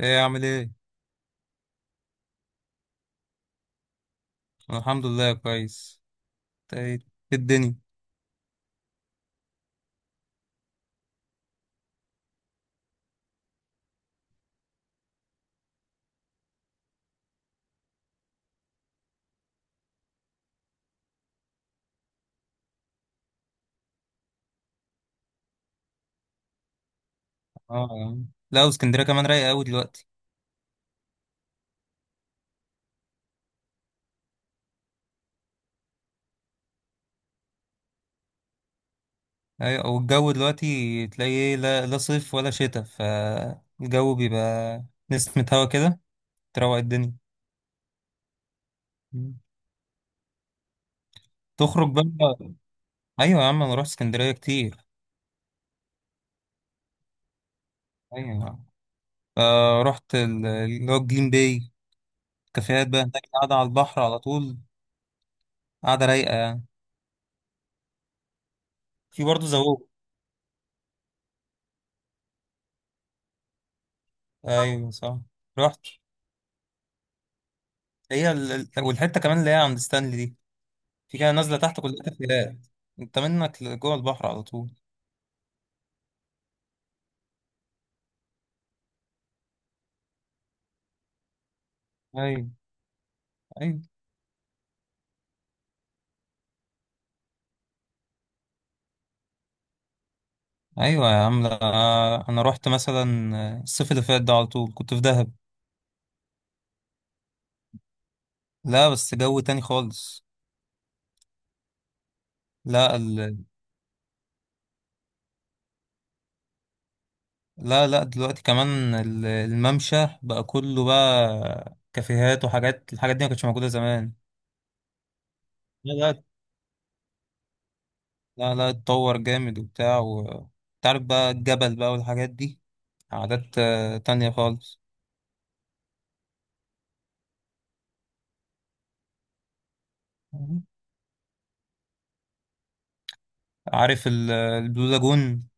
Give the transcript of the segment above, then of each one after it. ايه عامل ايه؟ أنا الحمد لله كويس. إنت ايه إيه الدنيا؟ اه يا عم. لا، واسكندريه كمان رايقه قوي دلوقتي. ايوه، والجو دلوقتي تلاقي ايه؟ لا, لا صيف ولا شتاء، فالجو بيبقى نسمة هوا كده، تروق الدنيا. مم. تخرج بقى. ايوه يا عم، انا رحت اسكندريه كتير. ايوه، آه رحت اللي هو الجليم باي، كافيهات بقى هناك قاعده على البحر على طول، قاعده رايقه يعني. في برضه زوق. ايوه صح، رحت. هي والحته كمان اللي هي عند ستانلي دي، في كده نازله تحت كلها تفجيرات، انت منك جوه البحر على طول. ايوه، ايوه. ايوه يا عم، لا، انا رحت مثلا الصيف اللي فات ده على طول كنت في دهب. لا، بس جو تاني خالص. لا ال... لا لا، دلوقتي كمان الممشى بقى كله بقى كافيهات وحاجات، الحاجات دي ما كانتش موجوده زمان. لا لا، لا لا، اتطور جامد وبتاع و... تعرف بقى الجبل بقى والحاجات دي، عادات تانية خالص. عارف البلو لاجون؟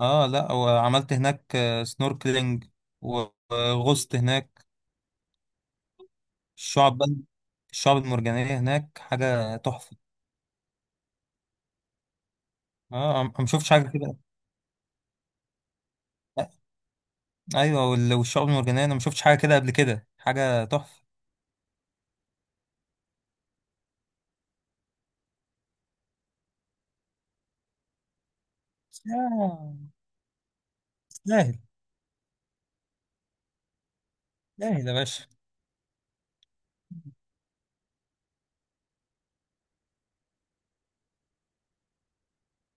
اه، لا وعملت هناك سنوركلينج، و- وغصت هناك. الشعب بقى، الشعب المرجانية هناك حاجة تحفة. اه، أنا ما شفتش حاجة كده. آه، ايوه، والشعب المرجانية انا ما شفتش حاجة كده قبل كده، حاجة تحفة. آه، سهل. سهل يا باشا.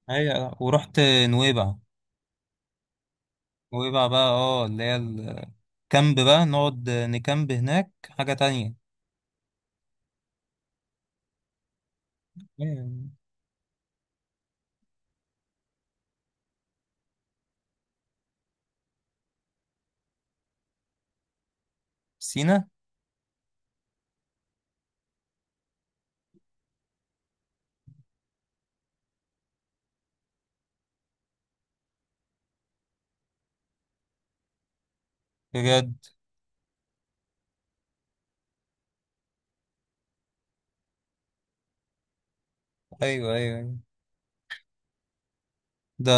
ايوه، ورحت نويبع. نويبع بقى، اه اللي هي الكامب بقى، نقعد نكامب هناك حاجة تانية. أيوة. سينا. بجد. ايوه ايوه أيوة. ده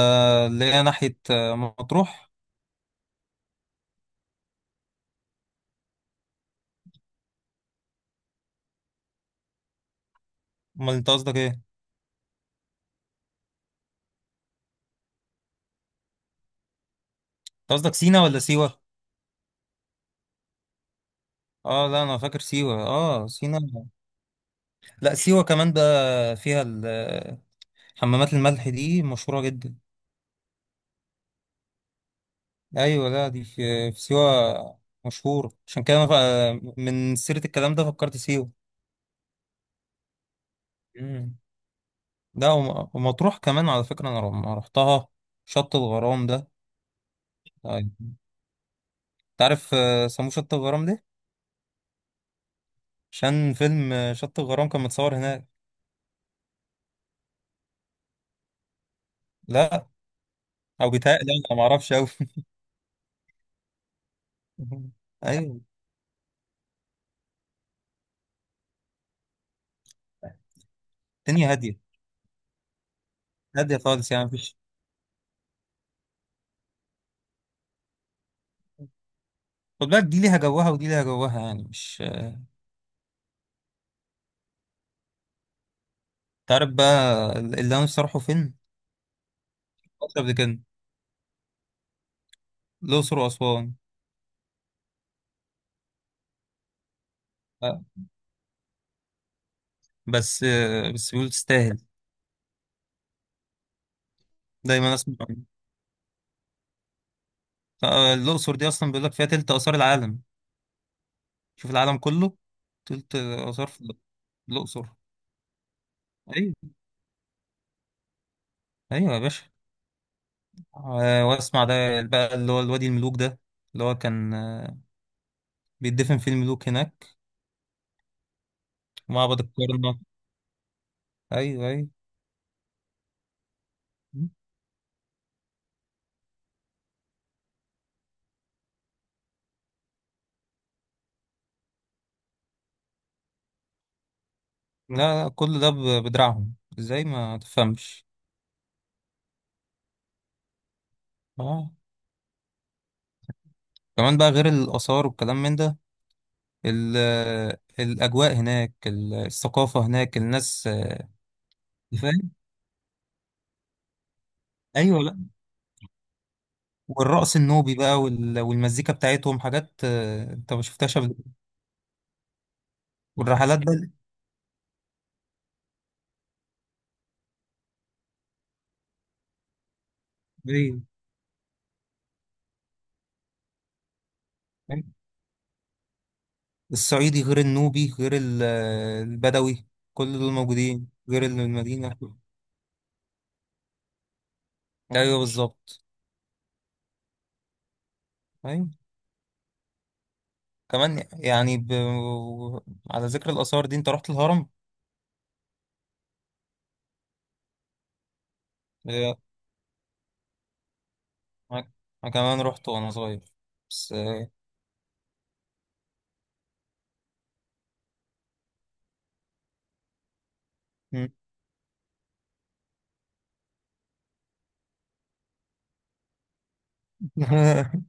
اللي هي ناحية مطروح. امال انت قصدك ايه انت؟ قصدك سينا ولا سيوة؟ اه لا، انا فاكر سيوة. اه سينا. لا سيوة كمان بقى فيها حمامات الملح دي مشهورة جدا. ايوه، لا دي في سيوة مشهورة، عشان كده أنا من سيرة الكلام ده فكرت سيوة. مم. لا، ومطروح كمان على فكرة انا لما رحتها، شط الغرام ده. طيب. انت عارف سموه شط الغرام ليه؟ عشان فيلم شط الغرام كان متصور هناك. لا، او بيتهيألي انا ما اعرفش قوي. ايوه، الدنيا هادية. هادية خالص، يعني مفيش. خد بالك، دي ليها جوها ودي ليها جوها، يعني مش... تعرف بقى اللي انا نفسي اروحه فين؟ فترة قبل كده. الأقصر وأسوان. آه، بس بس بيقولوا تستاهل. دايما أسمع عنها. الأقصر دي أصلا بيقول لك فيها تلت آثار العالم. شوف، العالم كله. تلت آثار في الأقصر. أيوه، أيوه يا باشا. وأسمع ده بقى اللي هو الوادي الملوك ده، اللي هو كان بيدفن فيه الملوك هناك. معبد الكرنك. أيوه أيوه. لا لا، كل ده بدراعهم، ازاي ما تفهمش. اه، كمان بقى غير الآثار والكلام من ده، ال- الأجواء هناك، الثقافة هناك، الناس. فاهم. ايوه لا. والرقص النوبي بقى والمزيكا بتاعتهم، حاجات انت ما شفتهاش قبل كده. والرحلات بقى، الإسكندرية، فاهم؟ الصعيدي غير النوبي غير البدوي، كل دول موجودين غير المدينة. ايوه بالظبط. ايوه كمان يعني ب... على ذكر الآثار دي، انت رحت الهرم؟ آه، أنا، أنا كمان رحت وأنا صغير، بس مم.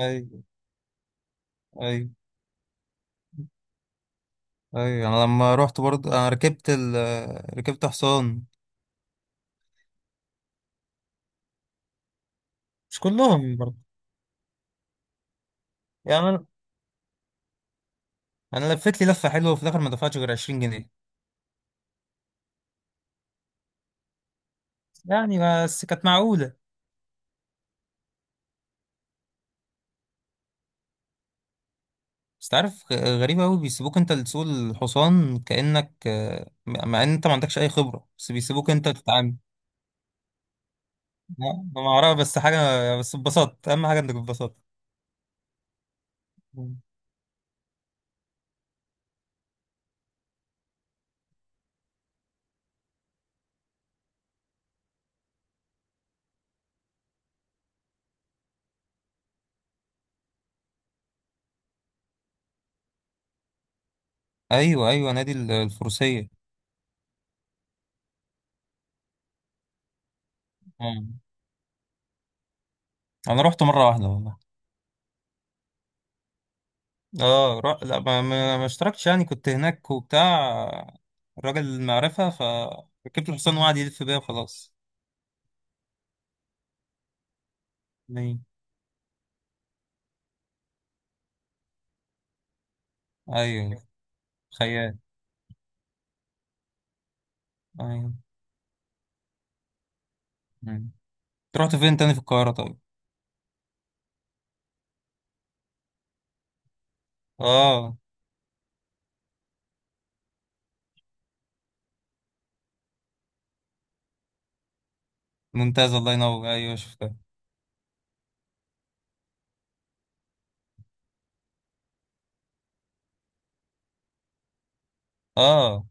أي أي أي. أنا لما رحت برضه ركبت ركبت حصان. مش كلهم برضه يعني. أنا لفيت لي لفة حلوة وفي الآخر ما دفعتش غير 20 جنيه يعني، بس كانت معقولة. بس تعرف، غريبة أوي بيسيبوك أنت اللي تسوق الحصان كأنك مع إن أنت ما عندكش أي خبرة، بس بيسيبوك أنت تتعامل. لا، أنا ما أعرف بس حاجة، بس اتبسطت، أهم حاجة إنك اتبسطت. أيوه أيوه، نادي الفروسية. انا رحت مره واحده والله. اه، ر... لا، ما اشتركتش، يعني كنت هناك وبتاع، الراجل المعرفه، فركبت الحصان وقعد يلف بيا وخلاص. ليه. ايوه خيال. ايوه. مم. رحت فين تاني في القاهره طيب؟ اه ممتاز، الله ينور، ايوه شفتها. اه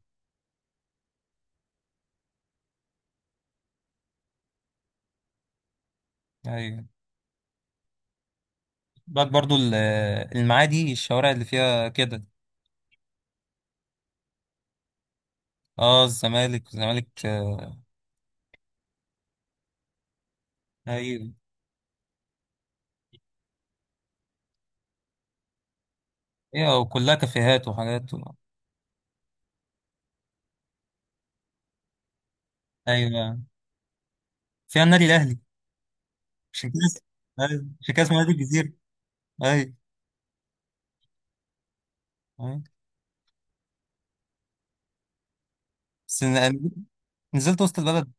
ايوه. بعد برضو المعادي، الشوارع اللي فيها كده. اه الزمالك، الزمالك آه. ايوه ايوه، وكلها كافيهات وحاجات و... ايوه، فيها النادي الاهلي. عشان كده أيوة، عشان كده اسمها نادي الجزيرة. أيوه أيوه. بس أنا نزلت وسط البلد.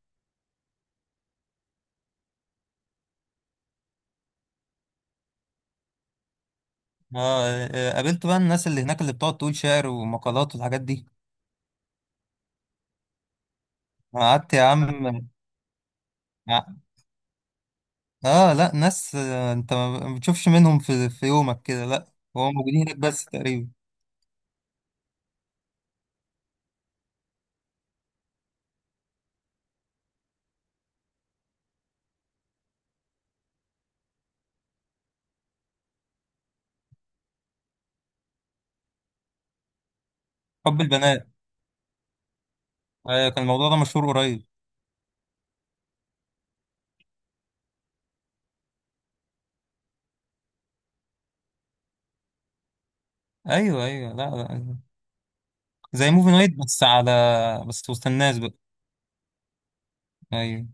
قابلت بقى الناس اللي هناك اللي بتقعد تقول شعر ومقالات والحاجات دي. قعدت يا عم. ع- اه لا، ناس انت ما بتشوفش منهم في يومك كده، لا. هو موجودين هناك بس تقريبا. حب البنات. آه كان الموضوع ده مشهور قريب. ايوه ايوه، لا لا، زي موفي نايت، بس على... بس وسط الناس بقى. ايوه